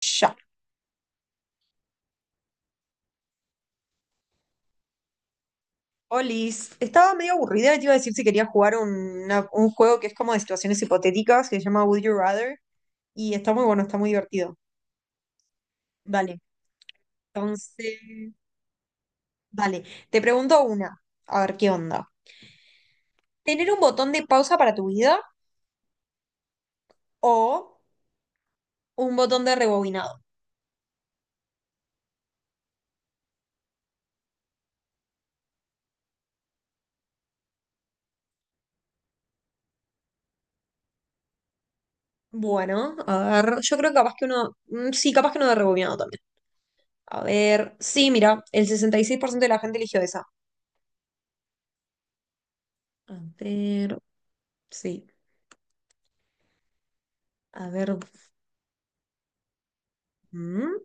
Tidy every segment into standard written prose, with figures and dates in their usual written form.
Ya. Olis, estaba medio aburrida y te iba a decir si quería jugar un juego que es como de situaciones hipotéticas, que se llama Would You Rather, y está muy bueno, está muy divertido. Vale, entonces, vale, te pregunto una, a ver qué onda. ¿Tener un botón de pausa para tu vida o un botón de rebobinado? Bueno, a ver, yo creo que capaz que uno, sí, capaz que uno de rebobinado también. A ver, sí, mira, el 66% de la gente eligió esa. A ver, sí, a ver. Mm.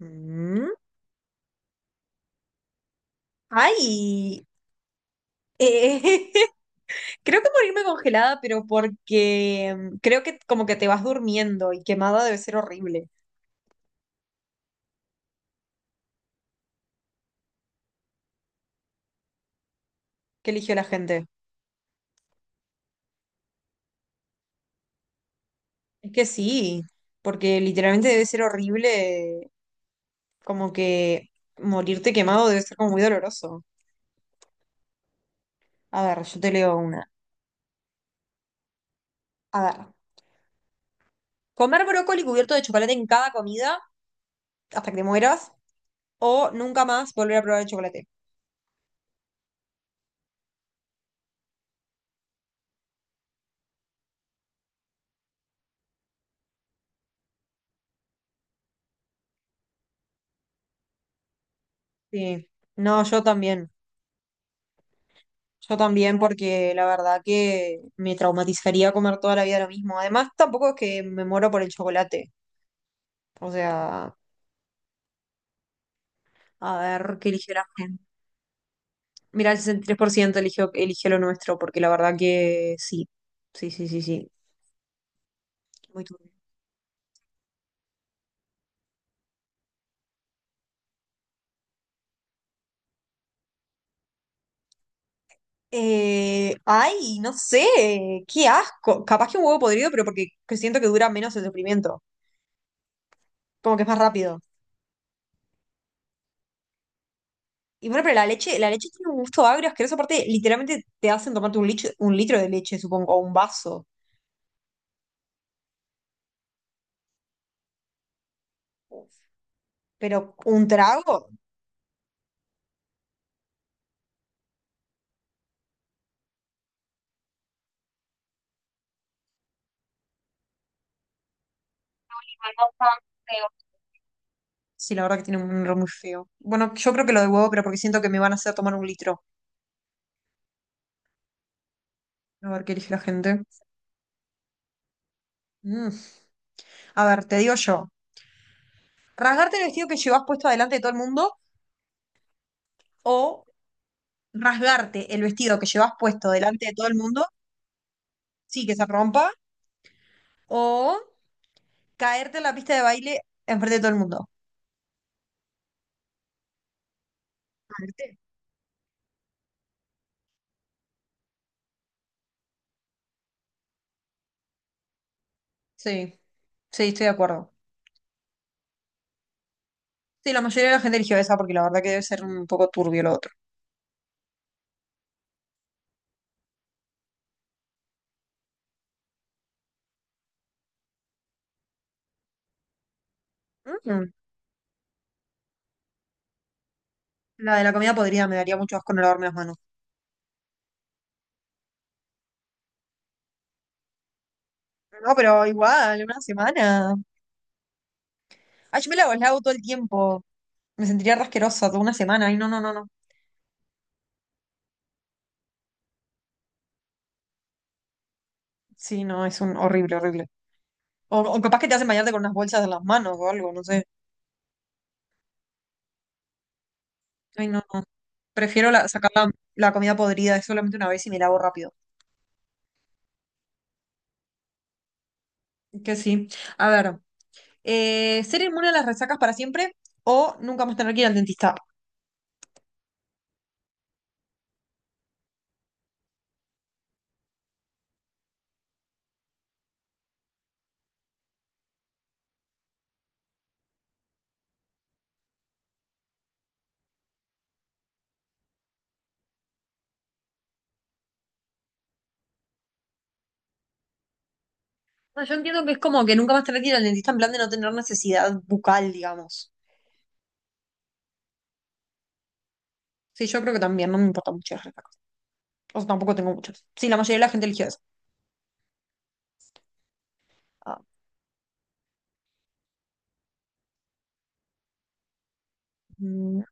Ujú. Ay, eh, creo que morirme congelada, pero porque creo que como que te vas durmiendo y quemada debe ser horrible. ¿Qué eligió la gente? Es que sí, porque literalmente debe ser horrible, como que morirte quemado debe ser como muy doloroso. A ver, yo te leo una. A ver, comer brócoli cubierto de chocolate en cada comida hasta que te mueras o nunca más volver a probar el chocolate. Sí, no, yo también. Yo también, porque la verdad que me traumatizaría comer toda la vida lo mismo. Además, tampoco es que me muero por el chocolate. O sea, a ver qué eligió la gente. Mira, el 63% eligió lo nuestro, porque la verdad que sí. Sí, sí, sí, sí. Muy turbio. Ay, no sé, qué asco. Capaz que un huevo podrido, pero porque que siento que dura menos el sufrimiento. Como que es más rápido. Y bueno, pero la leche tiene un gusto agrio, asqueroso. Aparte, literalmente te hacen tomarte 1 litro de leche, supongo, o un vaso. Pero un trago. Sí, la verdad que tiene un nombre muy feo. Bueno, yo creo que lo de huevo, pero porque siento que me van a hacer tomar 1 litro. A ver qué elige la gente. Mm. A ver, te digo yo. ¿Rasgarte el vestido que llevas puesto delante de todo el mundo o rasgarte el vestido que llevas puesto delante de todo el mundo? Sí, que se rompa. O caerte en la pista de baile enfrente de todo el mundo. ¿Caerte? Sí, sí, estoy de acuerdo. Sí, la mayoría de la gente eligió esa porque la verdad que debe ser un poco turbio lo otro. Mm. La de la comida podría, me daría mucho asco no lavarme las manos. No, pero igual, 1 semana. Ay, yo me lavo todo el tiempo. Me sentiría rasquerosa toda 1 semana. Ay, no, no, no, no. Sí, no, es un horrible, horrible. O capaz que te hacen bañarte con unas bolsas en las manos o algo, no sé. Ay, no, no. Prefiero sacar la comida podrida es solamente una vez y me lavo rápido. Que sí. A ver, ¿ser inmune a las resacas para siempre o nunca más tener que ir al dentista? No, yo entiendo que es como que nunca más tener que ir al dentista en plan de no tener necesidad bucal, digamos. Sí, yo creo que también no me importa mucho las respuestas. O sea, tampoco tengo muchas. Sí, la mayoría de la gente eligió eso. Ah, mm,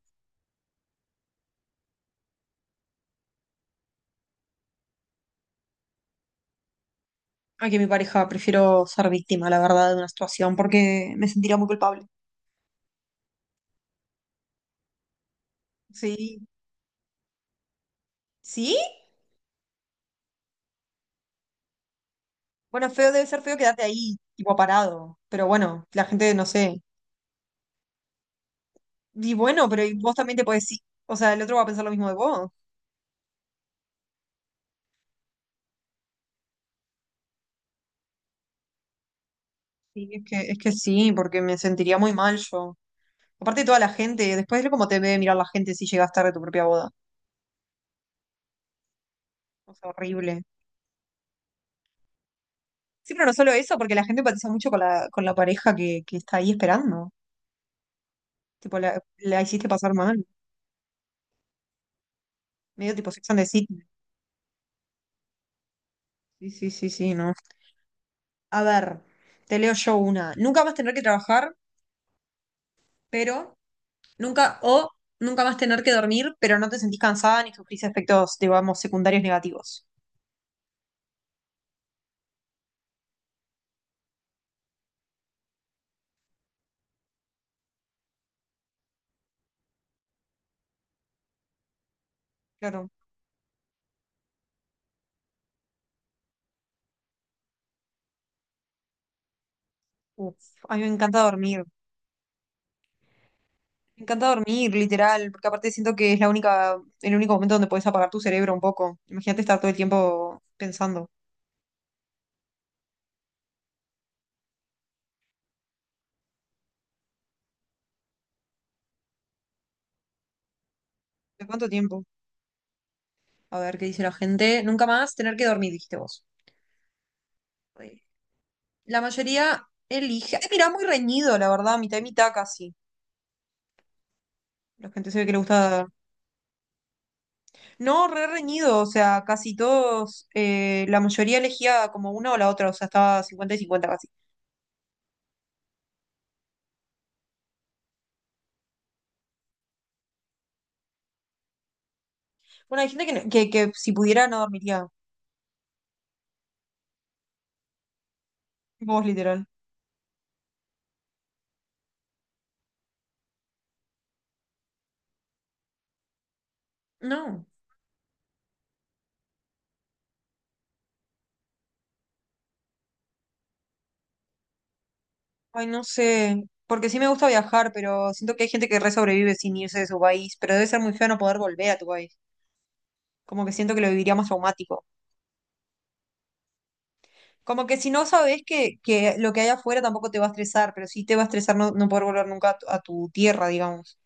aquí mi pareja, prefiero ser víctima, la verdad, de una situación porque me sentiría muy culpable. Sí. ¿Sí? Bueno, feo debe ser feo quedarte ahí, tipo parado. Pero bueno, la gente, no sé. Y bueno, pero y vos también te podés decir. O sea, el otro va a pensar lo mismo de vos. Sí, es que sí, porque me sentiría muy mal yo. Aparte de toda la gente, después de cómo te debe mirar la gente si llegas tarde a tu propia boda. O sea, horrible. Sí, pero no solo eso, porque la gente empatiza mucho con con la pareja que está ahí esperando. Tipo, la hiciste pasar mal. Medio tipo Sex and the City. Sí, sí, sí, sí, no. A ver, te leo yo una. Nunca más tener que trabajar, pero nunca, o nunca más tener que dormir, pero no te sentís cansada ni sufrís efectos, digamos, secundarios negativos. Claro. Uf, a mí me encanta dormir. Me encanta dormir, literal, porque aparte siento que es la única, el único momento donde puedes apagar tu cerebro un poco. Imagínate estar todo el tiempo pensando. ¿De cuánto tiempo? A ver qué dice la gente. Nunca más tener que dormir, dijiste vos. Eh, La mayoría elige. Ay, mira, muy reñido, la verdad, mitad y mitad casi. La gente se ve que le gusta. No, re reñido, o sea, casi todos, la mayoría elegía como una o la otra, o sea, estaba 50-50 casi. Bueno, hay gente que, que si pudiera no dormiría. Vos, literal. No, ay, no sé. Porque sí me gusta viajar, pero siento que hay gente que re sobrevive sin irse de su país, pero debe ser muy feo no poder volver a tu país. Como que siento que lo viviría más traumático. Como que si no sabes que lo que hay afuera tampoco te va a estresar, pero sí te va a estresar no poder volver nunca a a tu tierra, digamos.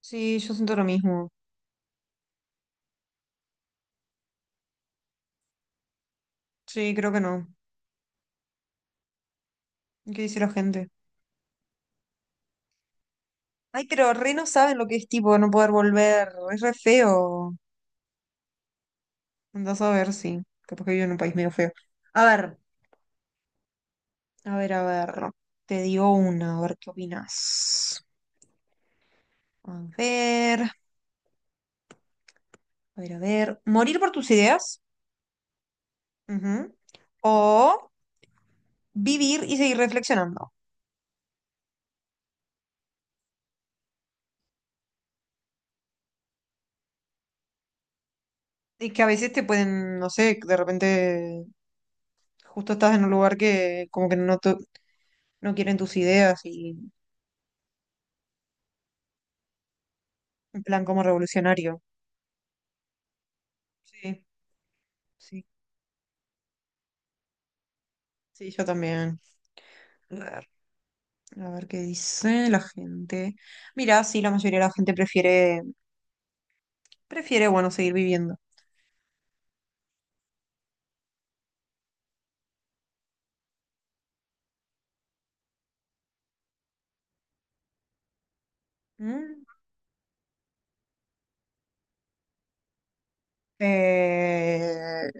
Sí, yo siento lo mismo. Sí, creo que no. ¿Qué dice la gente? Ay, pero re no saben lo que es tipo no poder volver. Es re feo. Andás a ver, sí. Capaz que vivo en un país medio feo. A ver, a ver. Te digo una, a ver qué opinas. A ver, a ver. ¿Morir por tus ideas? Ujú. O vivir y seguir reflexionando. Y que a veces te pueden, no sé, de repente justo estás en un lugar que como que no, no quieren tus ideas y en plan como revolucionario. Sí, sí, sí, yo también. A ver, a ver qué dice la gente. Mira, sí, la mayoría de la gente prefiere, bueno, seguir viviendo. Mm, eh,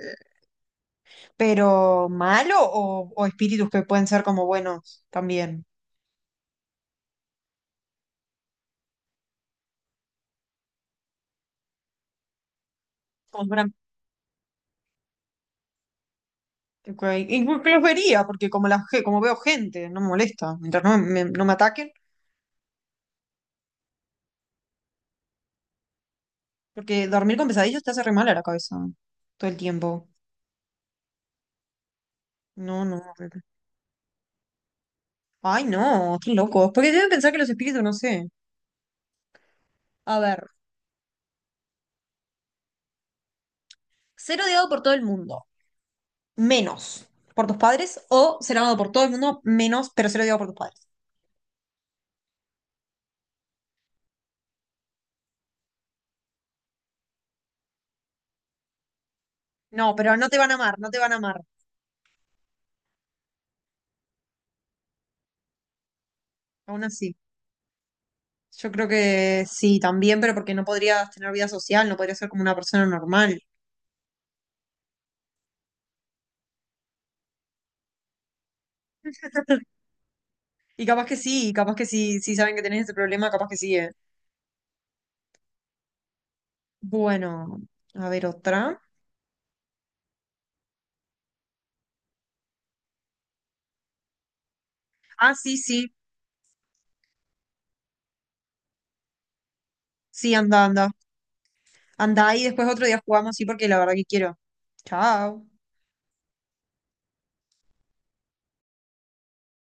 pero malo o espíritus que pueden ser como buenos también. Como si fueran. Ok, incluso los vería, porque como como veo gente, no me molesta. Mientras no me ataquen, porque dormir con pesadillas te hace re mal a la cabeza todo el tiempo. No, no, horrible. Ay, no, qué locos. Porque deben pensar que los espíritus, no sé. A ver, ser odiado por todo el mundo, menos por tus padres, o ser amado por todo el mundo, menos, pero ser odiado por tus padres. No, pero no te van a amar, no te van a amar, aún así. Yo creo que sí, también, pero porque no podrías tener vida social, no podrías ser como una persona normal. Y capaz que sí, sí saben que tenés ese problema, capaz que sí, eh. Bueno, a ver otra. Ah, sí, sí, sí, anda, anda. Anda y después otro día jugamos, sí, porque la verdad que quiero. Chao.